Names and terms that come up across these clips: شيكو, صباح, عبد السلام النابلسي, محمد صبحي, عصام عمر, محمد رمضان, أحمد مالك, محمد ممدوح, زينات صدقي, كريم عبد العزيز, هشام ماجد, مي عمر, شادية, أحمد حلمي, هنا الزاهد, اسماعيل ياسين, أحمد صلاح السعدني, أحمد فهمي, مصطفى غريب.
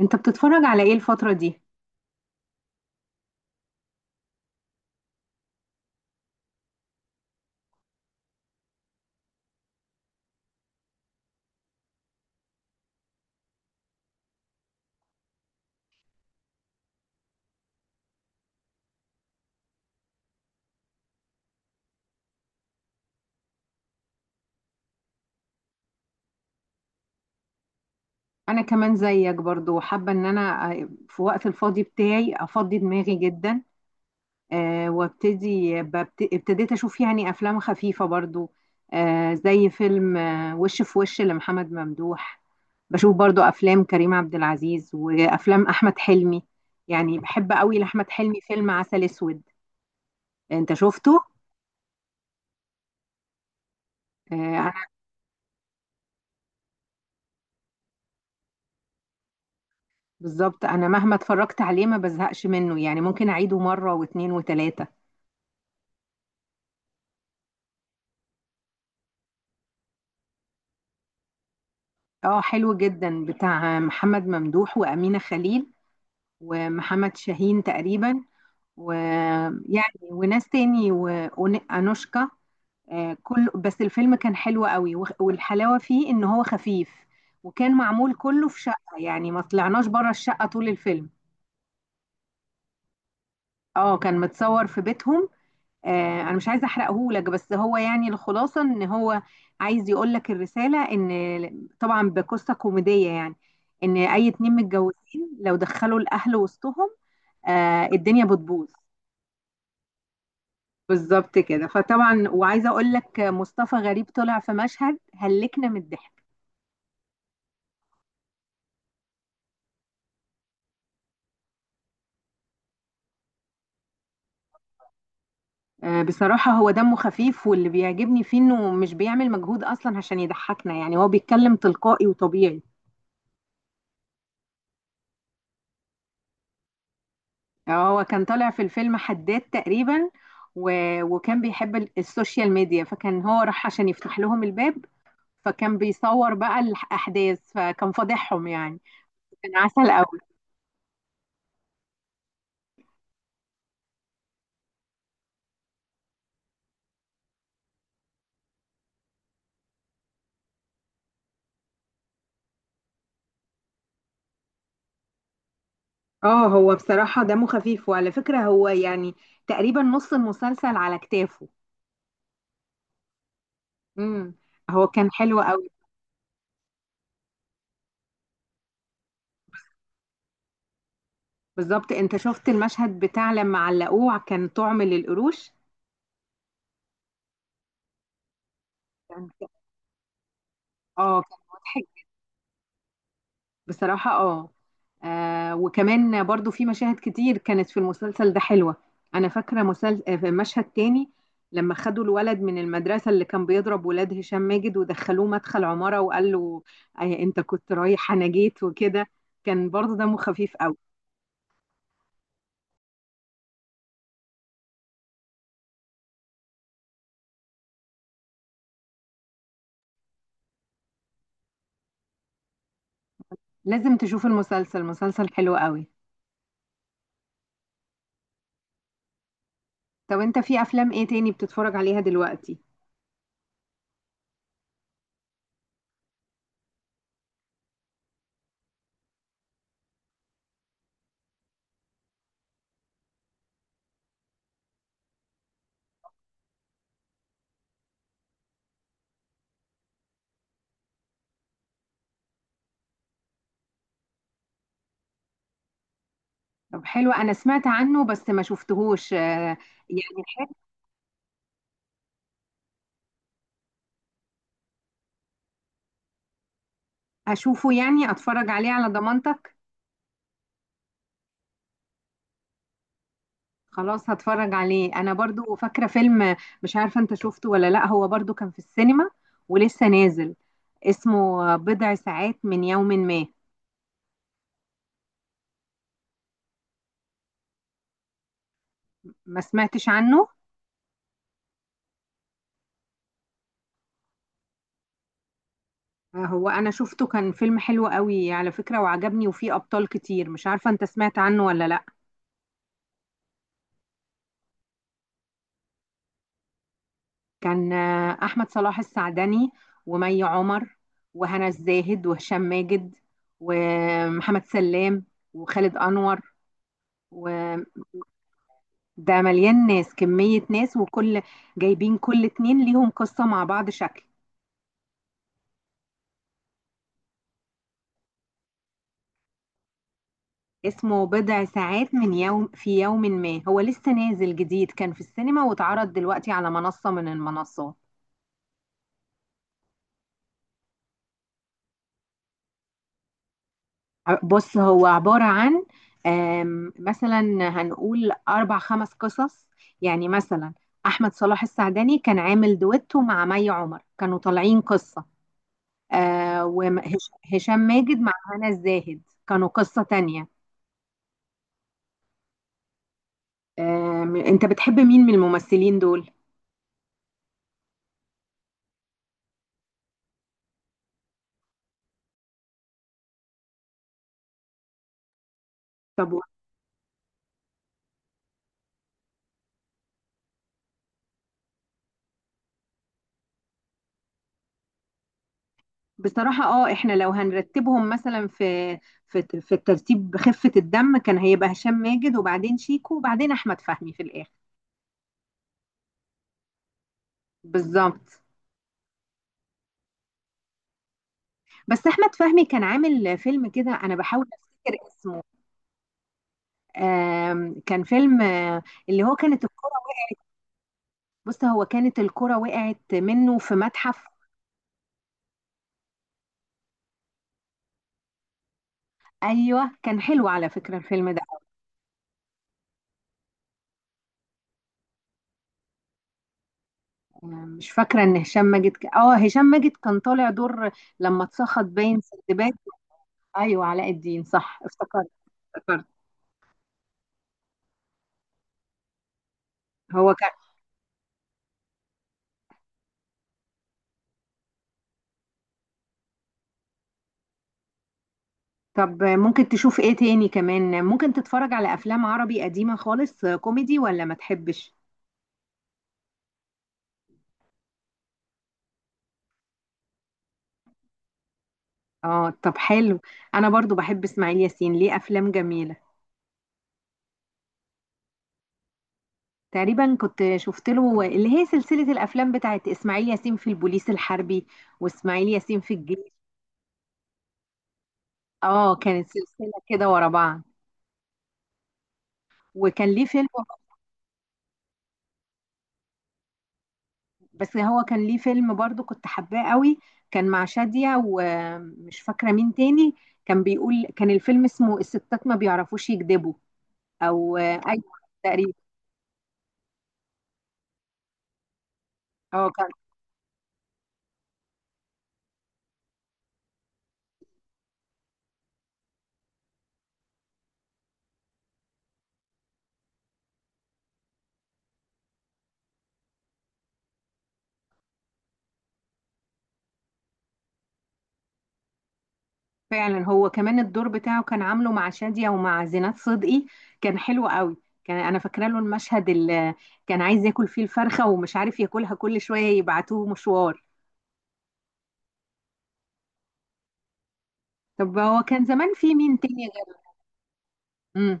انت بتتفرج على ايه الفترة دي؟ انا كمان زيك برضو حابة ان انا في وقت الفاضي بتاعي افضي دماغي جدا. أه وابتدي ابتديت اشوف يعني افلام خفيفة برضو. أه زي فيلم وش في وش لمحمد ممدوح. بشوف برضو افلام كريم عبد العزيز وافلام احمد حلمي، يعني بحب قوي لاحمد حلمي فيلم عسل اسود. انت شفته؟ آه، انا. بالظبط، انا مهما اتفرجت عليه ما بزهقش منه، يعني ممكن اعيده مرة واثنين وثلاثة. اه حلو جدا، بتاع محمد ممدوح وأمينة خليل ومحمد شاهين تقريبا، ويعني وناس تاني وأنوشكا. آه، كل بس الفيلم كان حلو قوي، والحلاوة فيه إن هو خفيف وكان معمول كله في شقة، يعني ما طلعناش بره الشقة طول الفيلم. اه كان متصور في بيتهم. انا مش عايزه احرقهولك، بس هو يعني الخلاصه ان هو عايز يقولك الرساله ان طبعا بقصه كوميديه يعني، ان اي اتنين متجوزين لو دخلوا الاهل وسطهم، الدنيا بتبوظ. بالظبط كده، فطبعا وعايزه اقولك مصطفى غريب طلع في مشهد هلكنا من الضحك. بصراحه هو دمه خفيف، واللي بيعجبني فيه انه مش بيعمل مجهود اصلا عشان يضحكنا، يعني هو بيتكلم تلقائي وطبيعي. اه هو كان طالع في الفيلم حداد تقريبا، و... وكان بيحب السوشيال ميديا، فكان هو راح عشان يفتح لهم الباب، فكان بيصور بقى الأحداث فكان فاضحهم يعني. كان عسل قوي. اه هو بصراحة دمه خفيف، وعلى فكرة هو يعني تقريبا نص المسلسل على كتافه. امم، هو كان حلو قوي. بالظبط، انت شفت المشهد بتاع لما علقوه كان طعم للقروش؟ كان، اه كان مضحك بصراحة. اه، وكمان برضو في مشاهد كتير كانت في المسلسل ده حلوة. أنا فاكرة مسل... آه، في مشهد تاني لما خدوا الولد من المدرسة اللي كان بيضرب ولاد هشام ماجد، ودخلوه مدخل عمارة وقال له، أنت كنت رايح أنا جيت وكده. كان برضو دمه خفيف قوي. لازم تشوف المسلسل، مسلسل حلو قوي. طب أنت في أفلام إيه تاني بتتفرج عليها دلوقتي؟ طب حلو، أنا سمعت عنه بس ما شفتهوش. آه، يعني أحب أشوفه، يعني أتفرج عليه على ضمانتك. خلاص هتفرج عليه. انا برضو فاكره فيلم، مش عارفه انت شفته ولا لا، هو برضو كان في السينما ولسه نازل، اسمه بضع ساعات من يوم ما. ما سمعتش عنه. هو انا شفته كان فيلم حلو قوي على فكره وعجبني، وفيه ابطال كتير، مش عارفه انت سمعت عنه ولا لا. كان احمد صلاح السعدني، ومي عمر، وهنا الزاهد، وهشام ماجد، ومحمد سلام، وخالد انور. ده مليان ناس، كمية ناس، وكل جايبين كل اتنين ليهم قصة مع بعض شكل. اسمه بضع ساعات من يوم، في يوم ما، هو لسه نازل جديد، كان في السينما واتعرض دلوقتي على منصة من المنصات. بص هو عبارة عن، مثلا هنقول أربع خمس قصص. يعني مثلا أحمد صلاح السعدني كان عامل دويتو مع مي عمر، كانوا طالعين قصة، وهشام ماجد مع هنا الزاهد كانوا قصة تانية. انت بتحب مين من الممثلين دول؟ طب و- بصراحة اه احنا لو هنرتبهم مثلا في في الترتيب بخفة الدم، كان هيبقى هشام ماجد، وبعدين شيكو، وبعدين احمد فهمي في الاخر. بالظبط. بس احمد فهمي كان عامل فيلم كده، انا بحاول افتكر اسمه. كان فيلم اللي هو كانت الكرة. بص هو كانت الكرة وقعت منه في متحف. ايوه، كان حلو على فكرة الفيلم ده. مش فاكرة ان هشام ماجد اه هشام ماجد كان طالع دور لما اتسخط باين سندباد. ايوه علاء الدين، صح افتكرت، افتكرت. هو كان. طب ممكن تشوف ايه تاني كمان؟ ممكن تتفرج على افلام عربي قديمة خالص كوميدي ولا ما تحبش؟ اه طب حلو، انا برضو بحب اسماعيل ياسين، ليه افلام جميلة. تقريبا كنت شفت له اللي هي سلسلة الافلام بتاعت اسماعيل ياسين في البوليس الحربي واسماعيل ياسين في الجيش. اه كانت سلسلة كده ورا بعض. وكان ليه فيلم، بس هو كان ليه فيلم برضو كنت حباه قوي، كان مع شادية ومش فاكرة مين تاني. كان بيقول، كان الفيلم اسمه الستات ما بيعرفوش يكذبوا، او ايوه تقريبا. اه كان فعلا. هو كمان الدور بتاعه كان عامله مع شادية ومع زينات صدقي، كان حلو قوي. كان، انا فاكره له المشهد اللي كان عايز ياكل فيه الفرخة ومش عارف ياكلها، كل شوية يبعتوه مشوار. طب هو كان زمان في مين تاني غير؟ امم.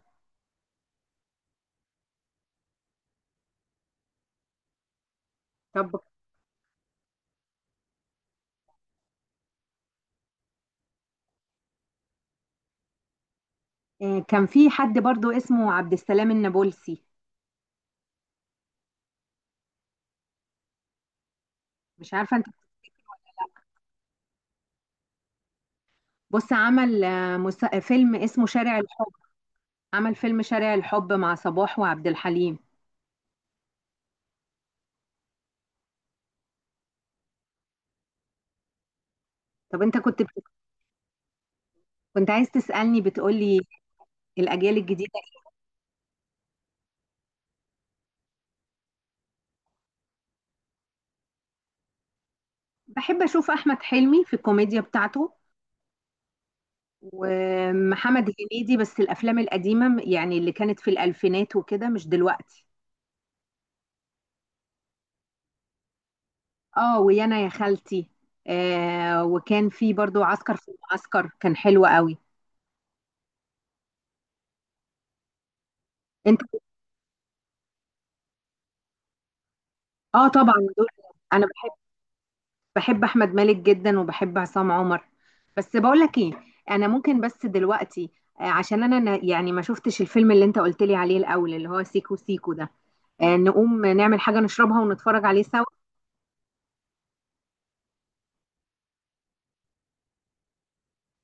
طب كان في حد برضو اسمه عبد السلام النابلسي، مش عارفة انت. بص عمل فيلم اسمه شارع الحب. عمل فيلم شارع الحب مع صباح وعبد الحليم. طب انت كنت كنت عايز تسألني بتقولي الأجيال الجديدة إيه؟ بحب أشوف أحمد حلمي في الكوميديا بتاعته. ومحمد هنيدي، بس الأفلام القديمة، يعني اللي كانت في الألفينات وكده، مش دلوقتي. اه ويانا يا خالتي، آه وكان في برضو عسكر في المعسكر، كان حلو قوي. انت، اه طبعا دول. انا بحب احمد مالك جدا، وبحب عصام عمر. بس بقول لك ايه، انا ممكن بس دلوقتي، عشان انا يعني ما شفتش الفيلم اللي انت قلت لي عليه الاول اللي هو سيكو سيكو ده، نقوم نعمل حاجة نشربها ونتفرج عليه سوا.